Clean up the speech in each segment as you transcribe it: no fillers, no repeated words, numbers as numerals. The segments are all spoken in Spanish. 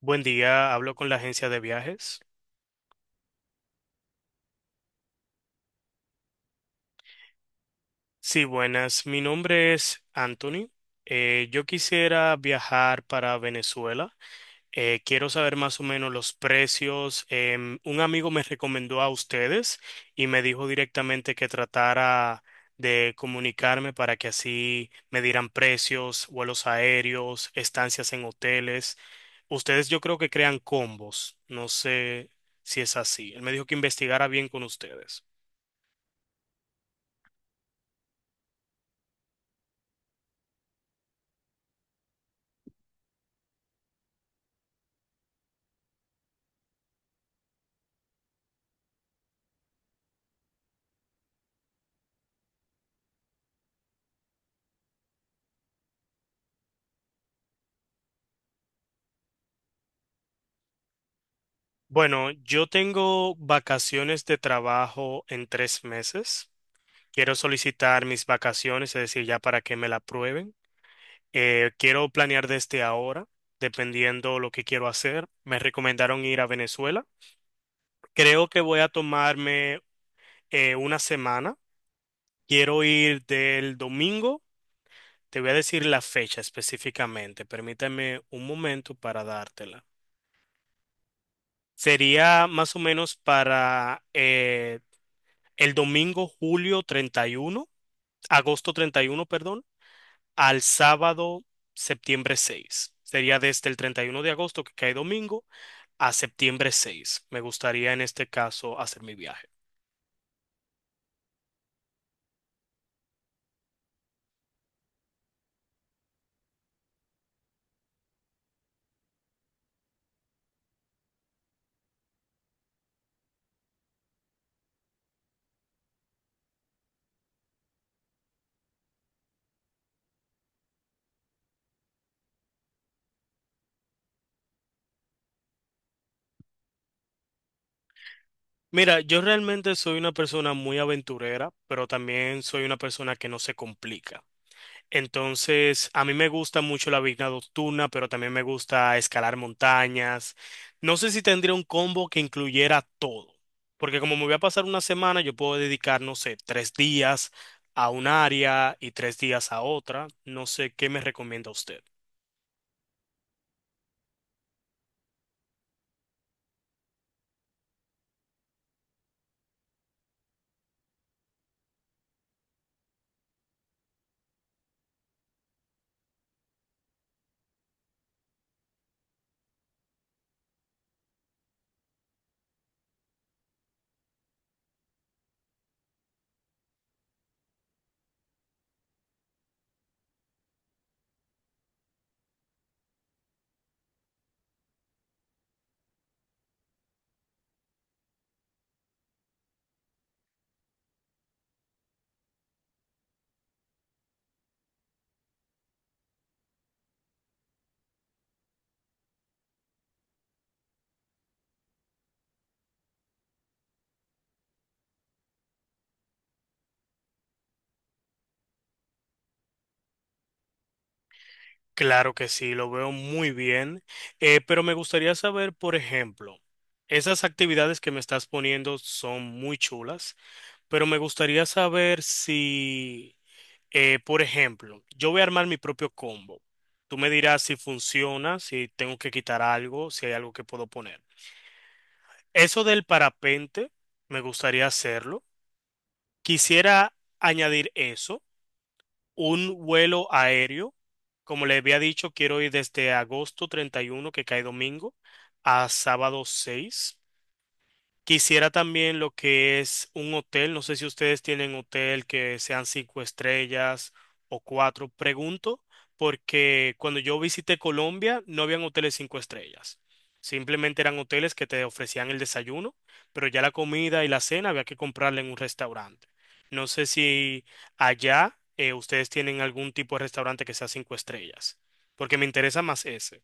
Buen día, hablo con la agencia de viajes. Sí, buenas, mi nombre es Anthony. Yo quisiera viajar para Venezuela. Quiero saber más o menos los precios. Un amigo me recomendó a ustedes y me dijo directamente que tratara de comunicarme para que así me dieran precios, vuelos aéreos, estancias en hoteles. Ustedes yo creo que crean combos. No sé si es así. Él me dijo que investigara bien con ustedes. Bueno, yo tengo vacaciones de trabajo en 3 meses. Quiero solicitar mis vacaciones, es decir, ya para que me la aprueben. Quiero planear desde ahora, dependiendo lo que quiero hacer. Me recomendaron ir a Venezuela. Creo que voy a tomarme una semana. Quiero ir del domingo. Te voy a decir la fecha específicamente. Permítame un momento para dártela. Sería más o menos para el domingo julio 31, agosto 31, perdón, al sábado septiembre 6. Sería desde el 31 de agosto, que cae domingo, a septiembre 6. Me gustaría en este caso hacer mi viaje. Mira, yo realmente soy una persona muy aventurera, pero también soy una persona que no se complica. Entonces, a mí me gusta mucho la vida nocturna, pero también me gusta escalar montañas. No sé si tendría un combo que incluyera todo, porque como me voy a pasar una semana, yo puedo dedicar, no sé, 3 días a un área y 3 días a otra. No sé qué me recomienda usted. Claro que sí, lo veo muy bien, pero me gustaría saber, por ejemplo, esas actividades que me estás poniendo son muy chulas, pero me gustaría saber si... Por ejemplo, yo voy a armar mi propio combo. Tú me dirás si funciona, si tengo que quitar algo, si hay algo que puedo poner. Eso del parapente, me gustaría hacerlo. Quisiera añadir eso, un vuelo aéreo. Como le había dicho, quiero ir desde agosto 31, que cae domingo, a sábado 6. Quisiera también lo que es un hotel. No sé si ustedes tienen hotel que sean cinco estrellas o cuatro. Pregunto porque cuando yo visité Colombia no habían hoteles cinco estrellas. Simplemente eran hoteles que te ofrecían el desayuno, pero ya la comida y la cena había que comprarla en un restaurante. No sé si allá ustedes tienen algún tipo de restaurante que sea cinco estrellas, porque me interesa más ese.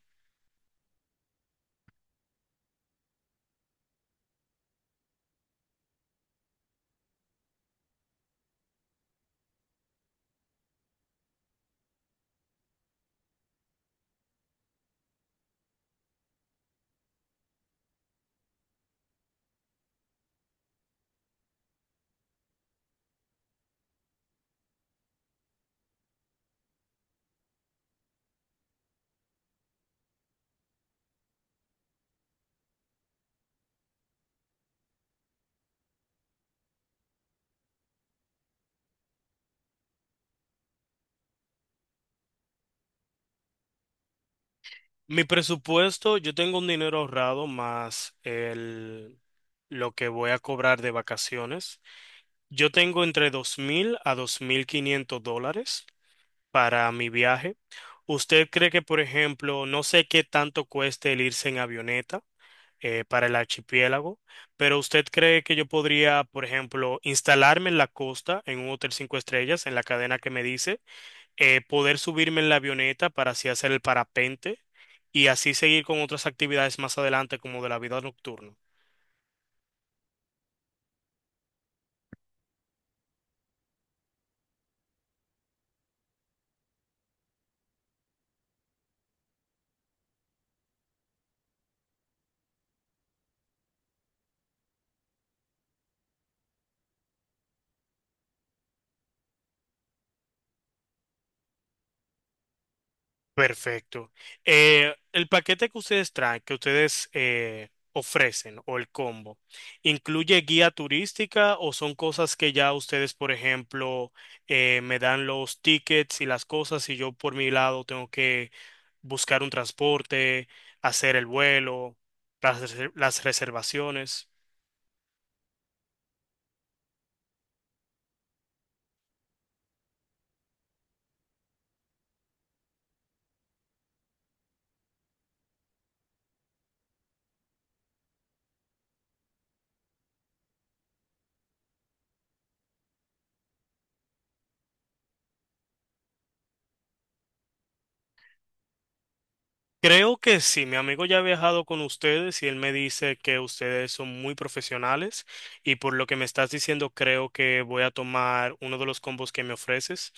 Mi presupuesto, yo tengo un dinero ahorrado más el, lo que voy a cobrar de vacaciones. Yo tengo entre $2,000 a $2,500 para mi viaje. ¿Usted cree que, por ejemplo, no sé qué tanto cueste el irse en avioneta para el archipiélago, pero usted cree que yo podría, por ejemplo, instalarme en la costa, en un hotel cinco estrellas, en la cadena que me dice, poder subirme en la avioneta para así hacer el parapente? Y así seguir con otras actividades más adelante como de la vida nocturna. Perfecto. El paquete que ustedes traen, que ustedes ofrecen o el combo, ¿incluye guía turística o son cosas que ya ustedes, por ejemplo, me dan los tickets y las cosas y yo por mi lado tengo que buscar un transporte, hacer el vuelo, las reservaciones? Creo que sí, mi amigo ya ha viajado con ustedes y él me dice que ustedes son muy profesionales y por lo que me estás diciendo creo que voy a tomar uno de los combos que me ofreces.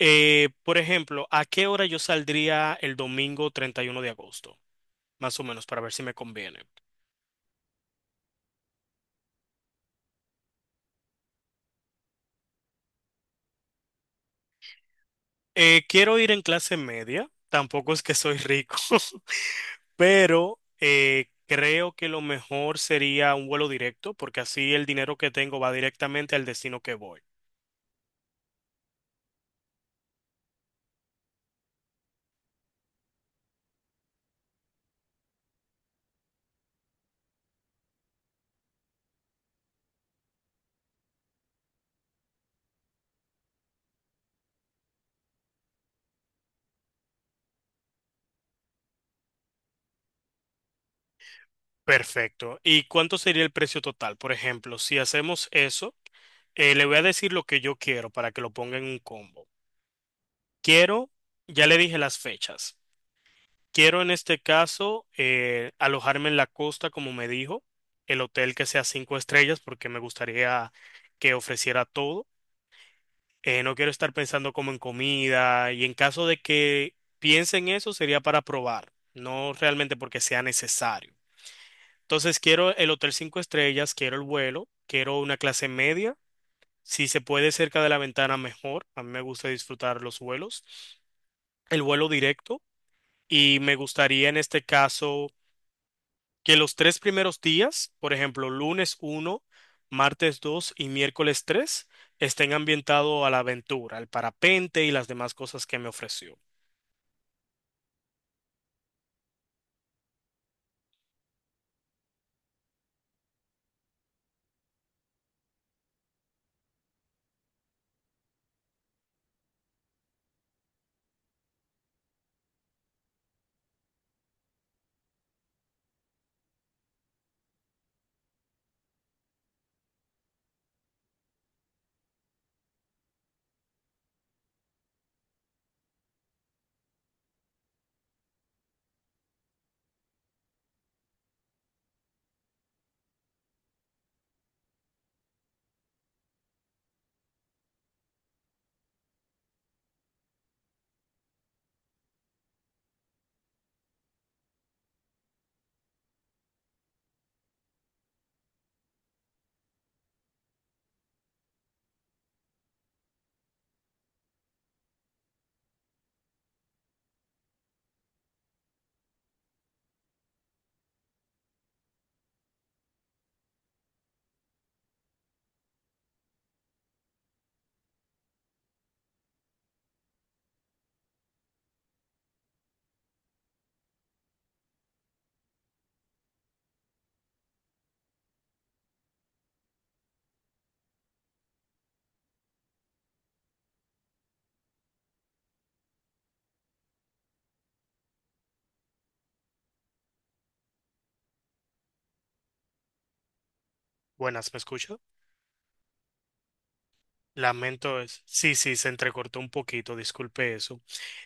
Por ejemplo, ¿a qué hora yo saldría el domingo 31 de agosto? Más o menos para ver si me conviene. Quiero ir en clase media, tampoco es que soy rico, pero creo que lo mejor sería un vuelo directo porque así el dinero que tengo va directamente al destino que voy. Perfecto. ¿Y cuánto sería el precio total? Por ejemplo, si hacemos eso, le voy a decir lo que yo quiero para que lo ponga en un combo. Quiero, ya le dije las fechas. Quiero en este caso alojarme en la costa, como me dijo, el hotel que sea cinco estrellas, porque me gustaría que ofreciera todo. No quiero estar pensando como en comida y en caso de que piense en eso sería para probar, no realmente porque sea necesario. Entonces quiero el hotel cinco estrellas, quiero el vuelo, quiero una clase media. Si se puede cerca de la ventana, mejor. A mí me gusta disfrutar los vuelos, el vuelo directo. Y me gustaría en este caso que los 3 primeros días, por ejemplo, lunes 1, martes 2 y miércoles 3, estén ambientados a la aventura, al parapente y las demás cosas que me ofreció. Buenas, ¿me escucha? Lamento es. Sí, sí, se entrecortó un poquito, disculpe eso.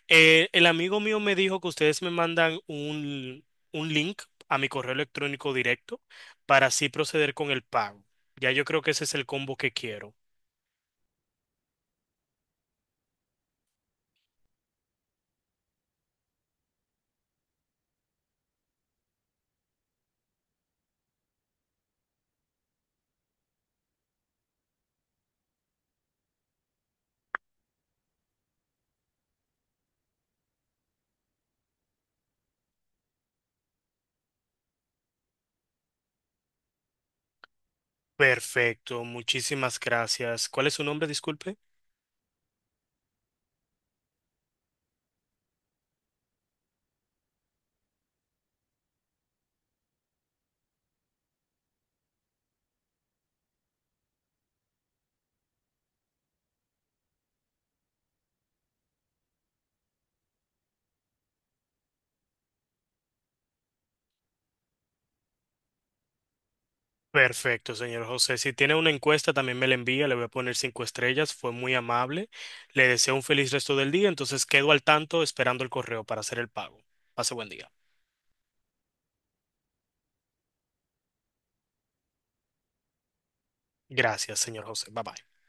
El amigo mío me dijo que ustedes me mandan un, link a mi correo electrónico directo para así proceder con el pago. Ya yo creo que ese es el combo que quiero. Perfecto, muchísimas gracias. ¿Cuál es su nombre? Disculpe. Perfecto, señor José. Si tiene una encuesta, también me la envía. Le voy a poner cinco estrellas. Fue muy amable. Le deseo un feliz resto del día. Entonces quedo al tanto esperando el correo para hacer el pago. Pase buen día. Gracias, señor José. Bye bye.